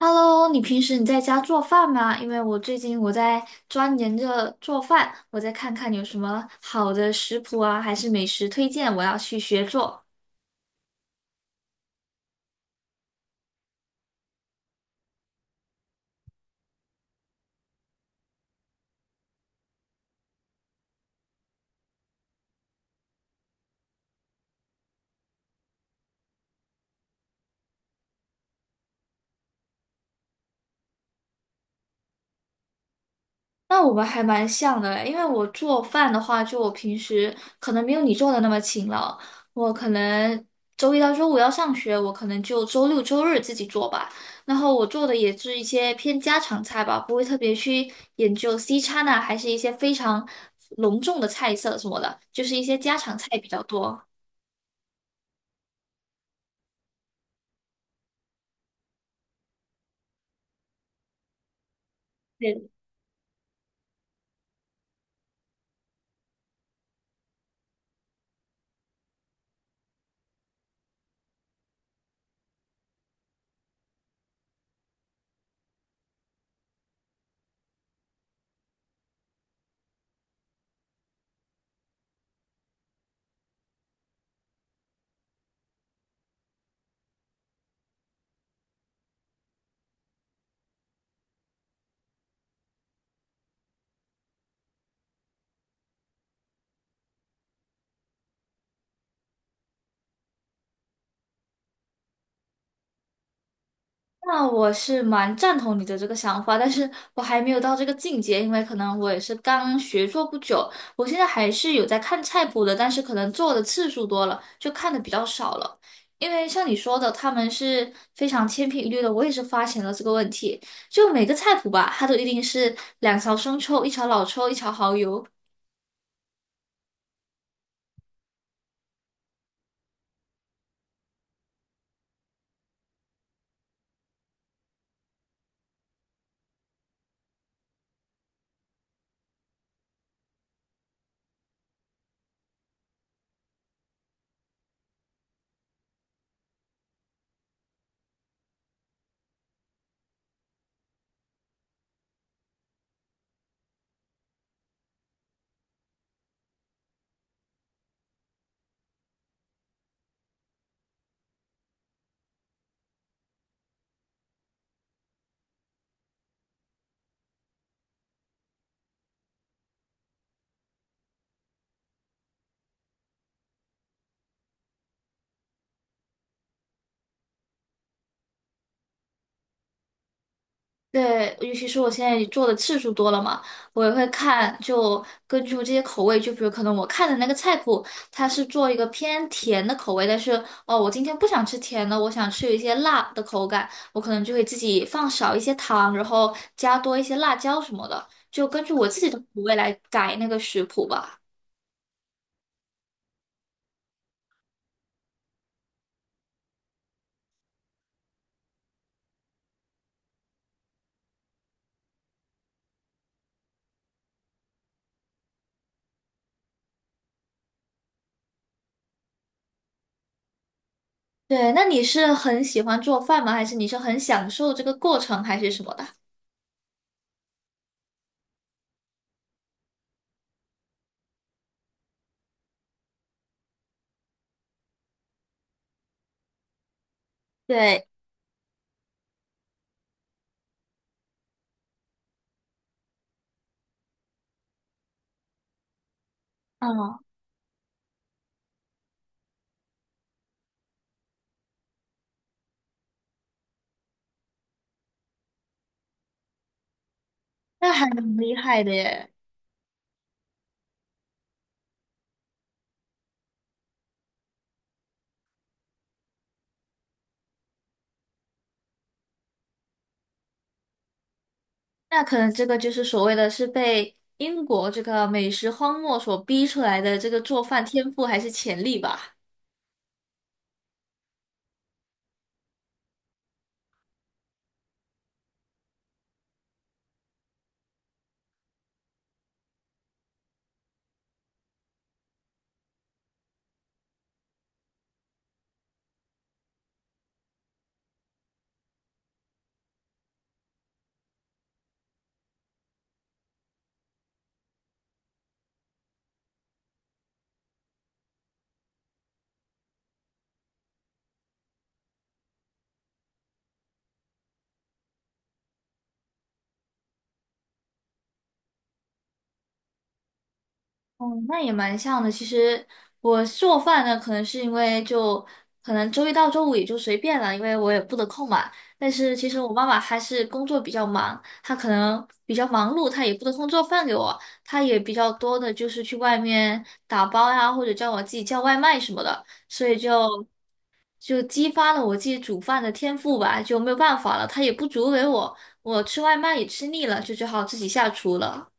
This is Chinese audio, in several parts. Hello，你平时在家做饭吗？因为我最近在钻研着做饭，我再看看有什么好的食谱啊，还是美食推荐，我要去学做。那我们还蛮像的，因为我做饭的话，就我平时可能没有你做的那么勤劳，我可能周一到周五要上学，我可能就周六周日自己做吧。然后我做的也是一些偏家常菜吧，不会特别去研究西餐啊，还是一些非常隆重的菜色什么的，就是一些家常菜比较多。对。那我是蛮赞同你的这个想法，但是我还没有到这个境界，因为可能我也是刚学做不久，我现在还是有在看菜谱的，但是可能做的次数多了，就看的比较少了。因为像你说的，他们是非常千篇一律的，我也是发现了这个问题。就每个菜谱吧，它都一定是两勺生抽、一勺老抽、一勺蚝油，对，尤其是我现在做的次数多了嘛，我也会看，就根据这些口味，就比如可能我看的那个菜谱，它是做一个偏甜的口味，但是哦，我今天不想吃甜的，我想吃一些辣的口感，我可能就会自己放少一些糖，然后加多一些辣椒什么的，就根据我自己的口味来改那个食谱吧。对，那你是很喜欢做饭吗？还是你是很享受这个过程，还是什么的？对，嗯，那还蛮厉害的耶。那可能这个就是所谓的是被英国这个美食荒漠所逼出来的这个做饭天赋还是潜力吧。嗯，那也蛮像的。其实我做饭呢，可能是因为就可能周一到周五也就随便了，因为我也不得空嘛。但是其实我妈妈还是工作比较忙，她可能比较忙碌，她也不得空做饭给我，她也比较多的就是去外面打包呀，或者叫我自己叫外卖什么的，所以就。就激发了我自己煮饭的天赋吧，就没有办法了，他也不煮给我，我吃外卖也吃腻了，就只好自己下厨了。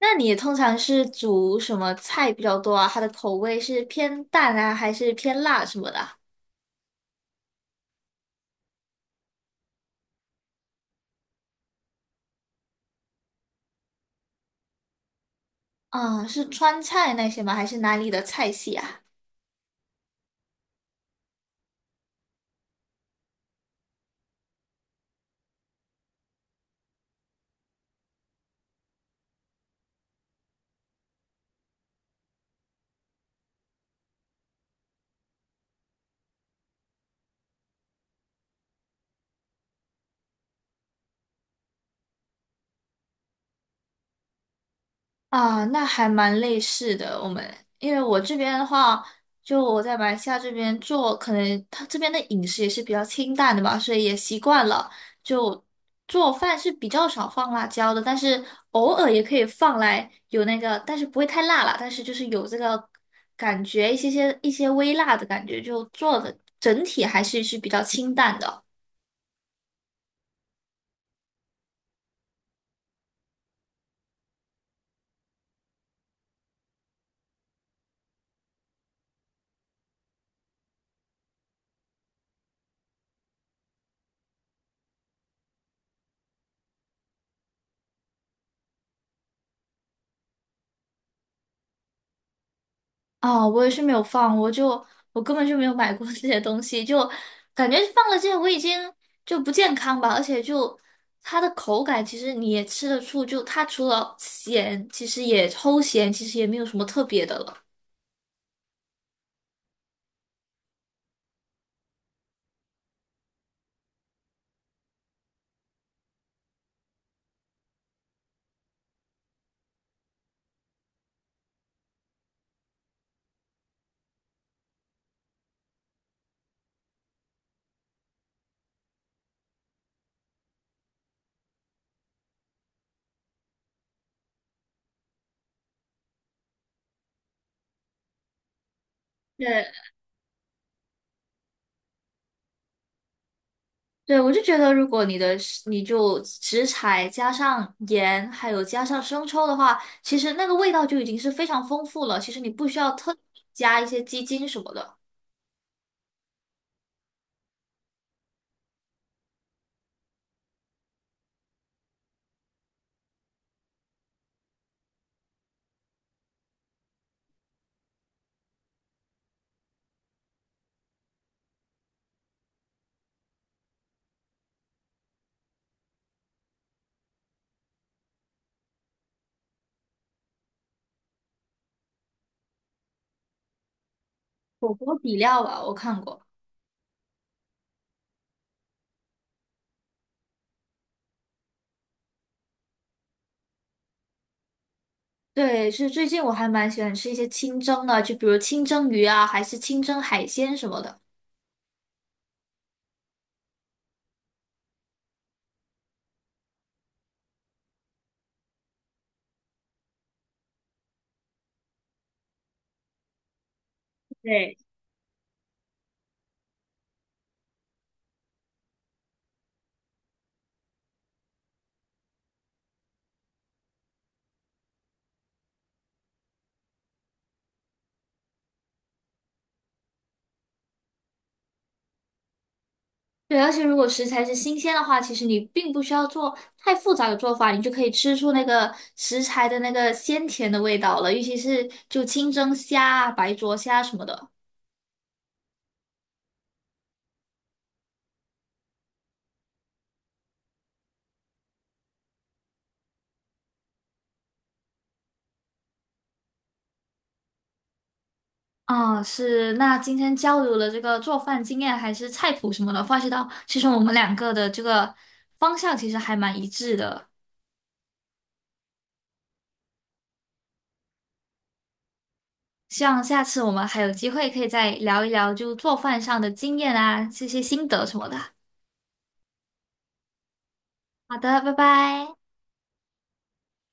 那你通常是煮什么菜比较多啊？它的口味是偏淡啊，还是偏辣什么的啊？嗯，是川菜那些吗？还是哪里的菜系啊？啊，那还蛮类似的。我们因为我这边的话，就我在马来西亚这边做，可能他这边的饮食也是比较清淡的吧，所以也习惯了。就做饭是比较少放辣椒的，但是偶尔也可以放来有那个，但是不会太辣啦，但是就是有这个感觉，一些微辣的感觉，就做的整体还是比较清淡的。哦，我也是没有放，我根本就没有买过 这些东西，就感觉放了这些我已经就不健康吧，而且就它的口感其实你也吃得出，就它除了咸，其实也齁咸，其实也没有什么特别的了。对，对，我就觉得如果你就食材加上盐，还有加上生抽的话，其实那个味道就已经是非常丰富了，其实你不需要特加一些鸡精什么的，火锅底料吧，我看过。对，是最近我还蛮喜欢吃一些清蒸的，就比如清蒸鱼啊，还是清蒸海鲜什么的。对，对，而且如果食材是新鲜的话，其实你并不需要做太复杂的做法，你就可以吃出那个食材的那个鲜甜的味道了。尤其是就清蒸虾啊、白灼虾什么的。啊，是。那今天交流了这个做饭经验还是菜谱什么的，发现到其实我们两个的这个方向其实还蛮一致的。希望下次我们还有机会可以再聊一聊，就做饭上的经验啊，这些心得什么的。好的，拜拜。